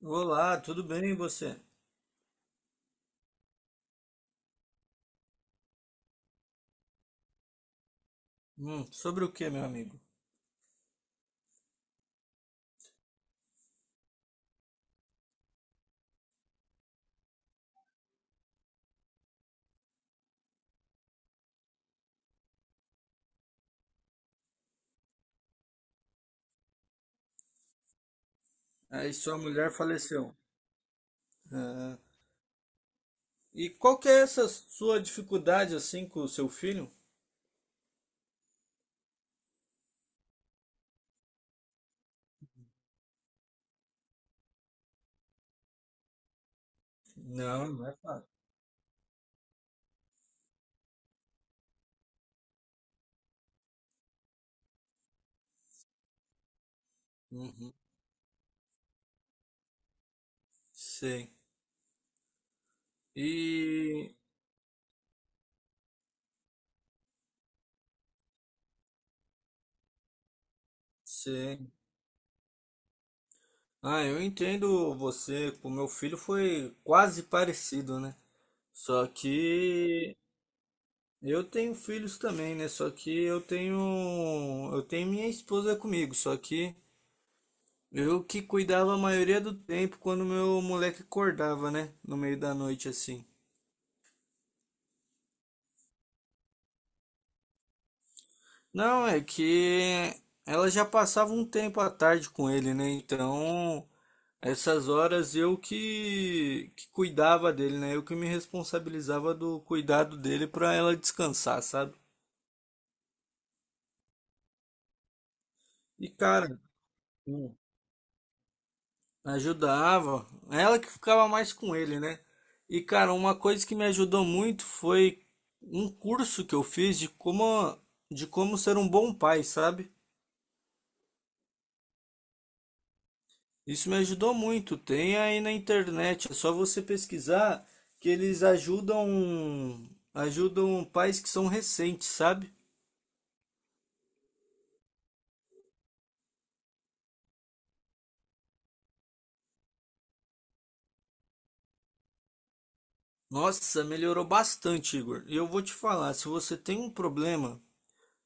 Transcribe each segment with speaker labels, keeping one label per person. Speaker 1: Olá, tudo bem e você? Sobre o que, meu amigo? Aí sua mulher faleceu. Ah, e qual que é essa sua dificuldade assim com o seu filho? Não, não é fácil. Uhum, sei. E sei. Ah, eu entendo você. O meu filho foi quase parecido, né? Só que eu tenho filhos também, né? Só que eu tenho minha esposa comigo, só que eu que cuidava a maioria do tempo quando meu moleque acordava, né? No meio da noite assim. Não, é que ela já passava um tempo à tarde com ele, né? Então, essas horas eu que cuidava dele, né? Eu que me responsabilizava do cuidado dele pra ela descansar, sabe? E, cara, ajudava. Ela que ficava mais com ele, né? E, cara, uma coisa que me ajudou muito foi um curso que eu fiz de como ser um bom pai, sabe? Isso me ajudou muito. Tem aí na internet, é só você pesquisar que eles ajudam, ajudam pais que são recentes, sabe? Nossa, melhorou bastante, Igor. E eu vou te falar, se você tem um problema,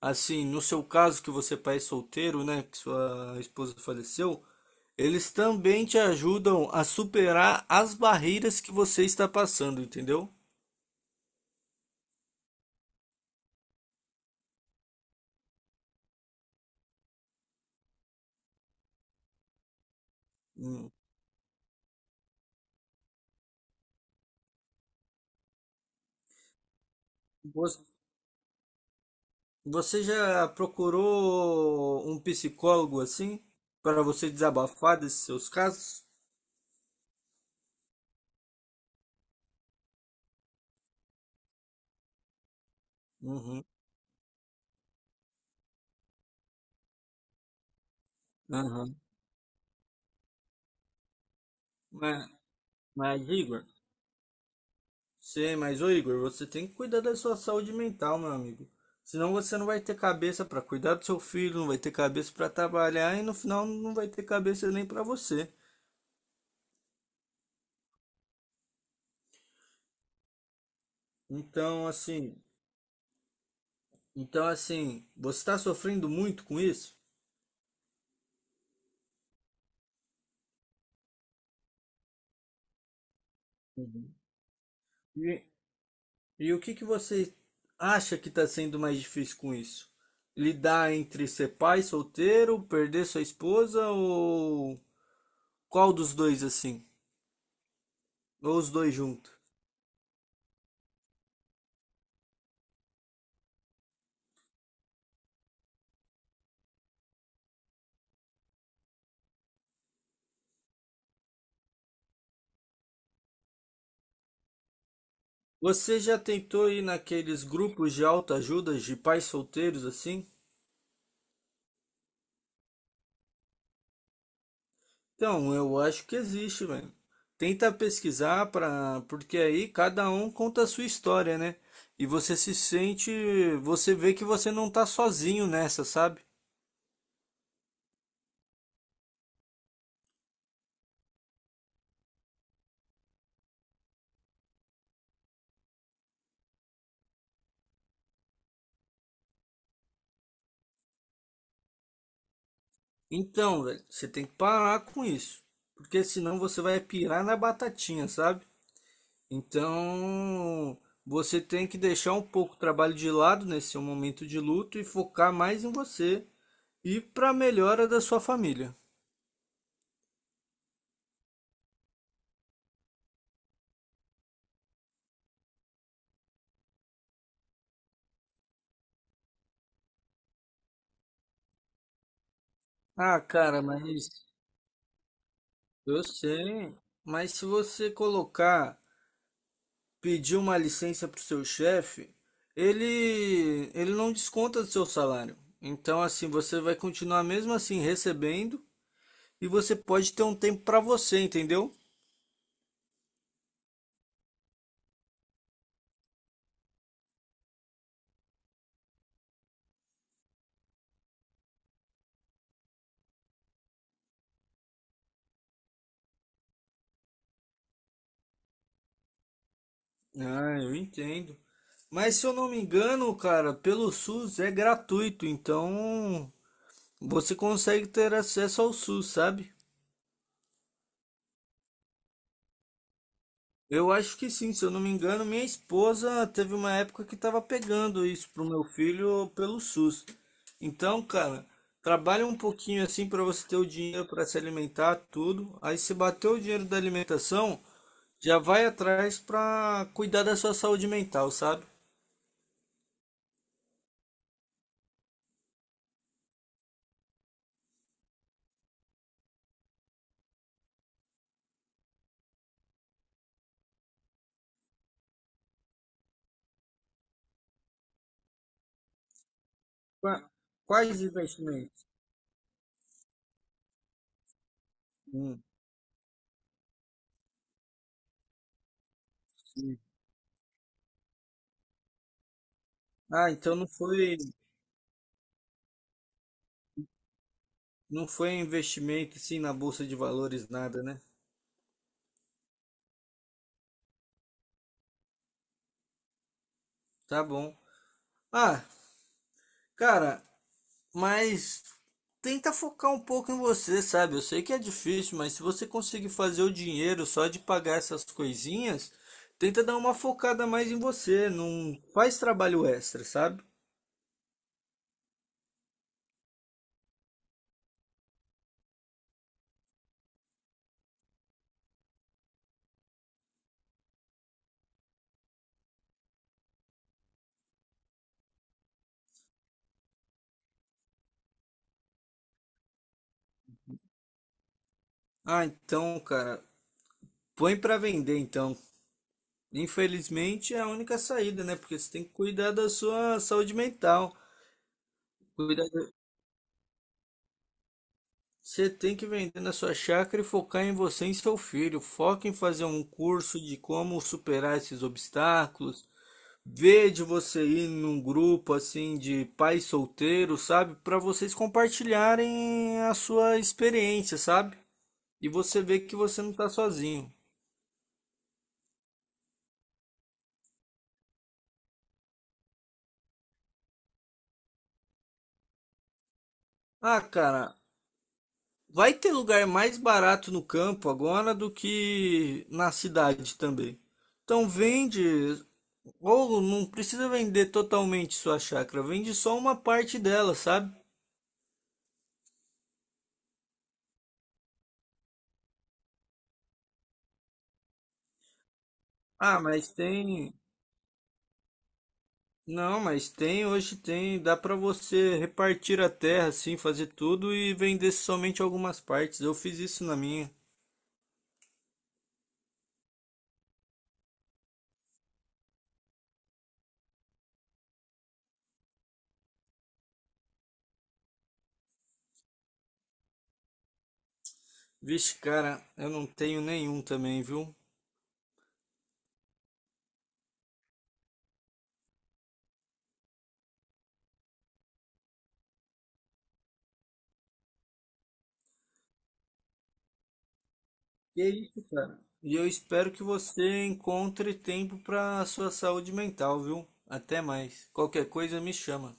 Speaker 1: assim, no seu caso que você é pai solteiro, né, que sua esposa faleceu, eles também te ajudam a superar as barreiras que você está passando, entendeu? Hum. Você você já procurou um psicólogo assim para você desabafar desses seus casos? Uhum. Aham. Mas, mas, Igor, sim, mas ô Igor, você tem que cuidar da sua saúde mental, meu amigo. Senão você não vai ter cabeça para cuidar do seu filho, não vai ter cabeça para trabalhar e no final não vai ter cabeça nem para você. Então, assim, então, assim, você está sofrendo muito com isso? Uhum. E, e o que que você acha que está sendo mais difícil com isso? Lidar entre ser pai solteiro, perder sua esposa ou qual dos dois assim? Ou os dois juntos? Você já tentou ir naqueles grupos de autoajuda de pais solteiros assim? Então, eu acho que existe, velho. Tenta pesquisar para, porque aí cada um conta a sua história, né? E você se sente, você vê que você não tá sozinho nessa, sabe? Então, velho, você tem que parar com isso, porque senão você vai pirar na batatinha, sabe? Então, você tem que deixar um pouco o trabalho de lado nesse seu momento de luto e focar mais em você e para melhora da sua família. Ah, cara, mas eu sei, mas se você colocar, pedir uma licença para o seu chefe, ele não desconta do seu salário. Então, assim, você vai continuar mesmo assim recebendo e você pode ter um tempo para você, entendeu? Ah, eu entendo. Mas se eu não me engano, cara, pelo SUS é gratuito, então você consegue ter acesso ao SUS, sabe? Eu acho que sim, se eu não me engano, minha esposa teve uma época que estava pegando isso pro meu filho pelo SUS. Então, cara, trabalha um pouquinho assim para você ter o dinheiro para se alimentar, tudo. Aí se bater o dinheiro da alimentação, já vai atrás para cuidar da sua saúde mental, sabe? Qua- Quais investimentos? Hum. Ah, não foi investimento assim na bolsa de valores nada, né? Tá bom. Ah, cara, mas tenta focar um pouco em você, sabe? Eu sei que é difícil, mas se você conseguir fazer o dinheiro só de pagar essas coisinhas, tenta dar uma focada mais em você, não faz trabalho extra, sabe? Ah, então, cara, põe pra vender então. Infelizmente é a única saída, né? Porque você tem que cuidar da sua saúde mental. Cuidar da- Você tem que vender na sua chácara e focar em você e em seu filho. Foca em fazer um curso de como superar esses obstáculos, ver de você ir num grupo assim de pais solteiros, sabe? Para vocês compartilharem a sua experiência, sabe? E você ver que você não tá sozinho. Ah, cara, vai ter lugar mais barato no campo agora do que na cidade também. Então vende, ou não precisa vender totalmente sua chácara, vende só uma parte dela, sabe? Ah, mas tem Não, mas tem, hoje tem, dá pra você repartir a terra assim, fazer tudo e vender somente algumas partes. Eu fiz isso na minha. Vixe, cara, eu não tenho nenhum também, viu? Que isso, cara? E eu espero que você encontre tempo pra sua saúde mental, viu? Até mais. Qualquer coisa me chama.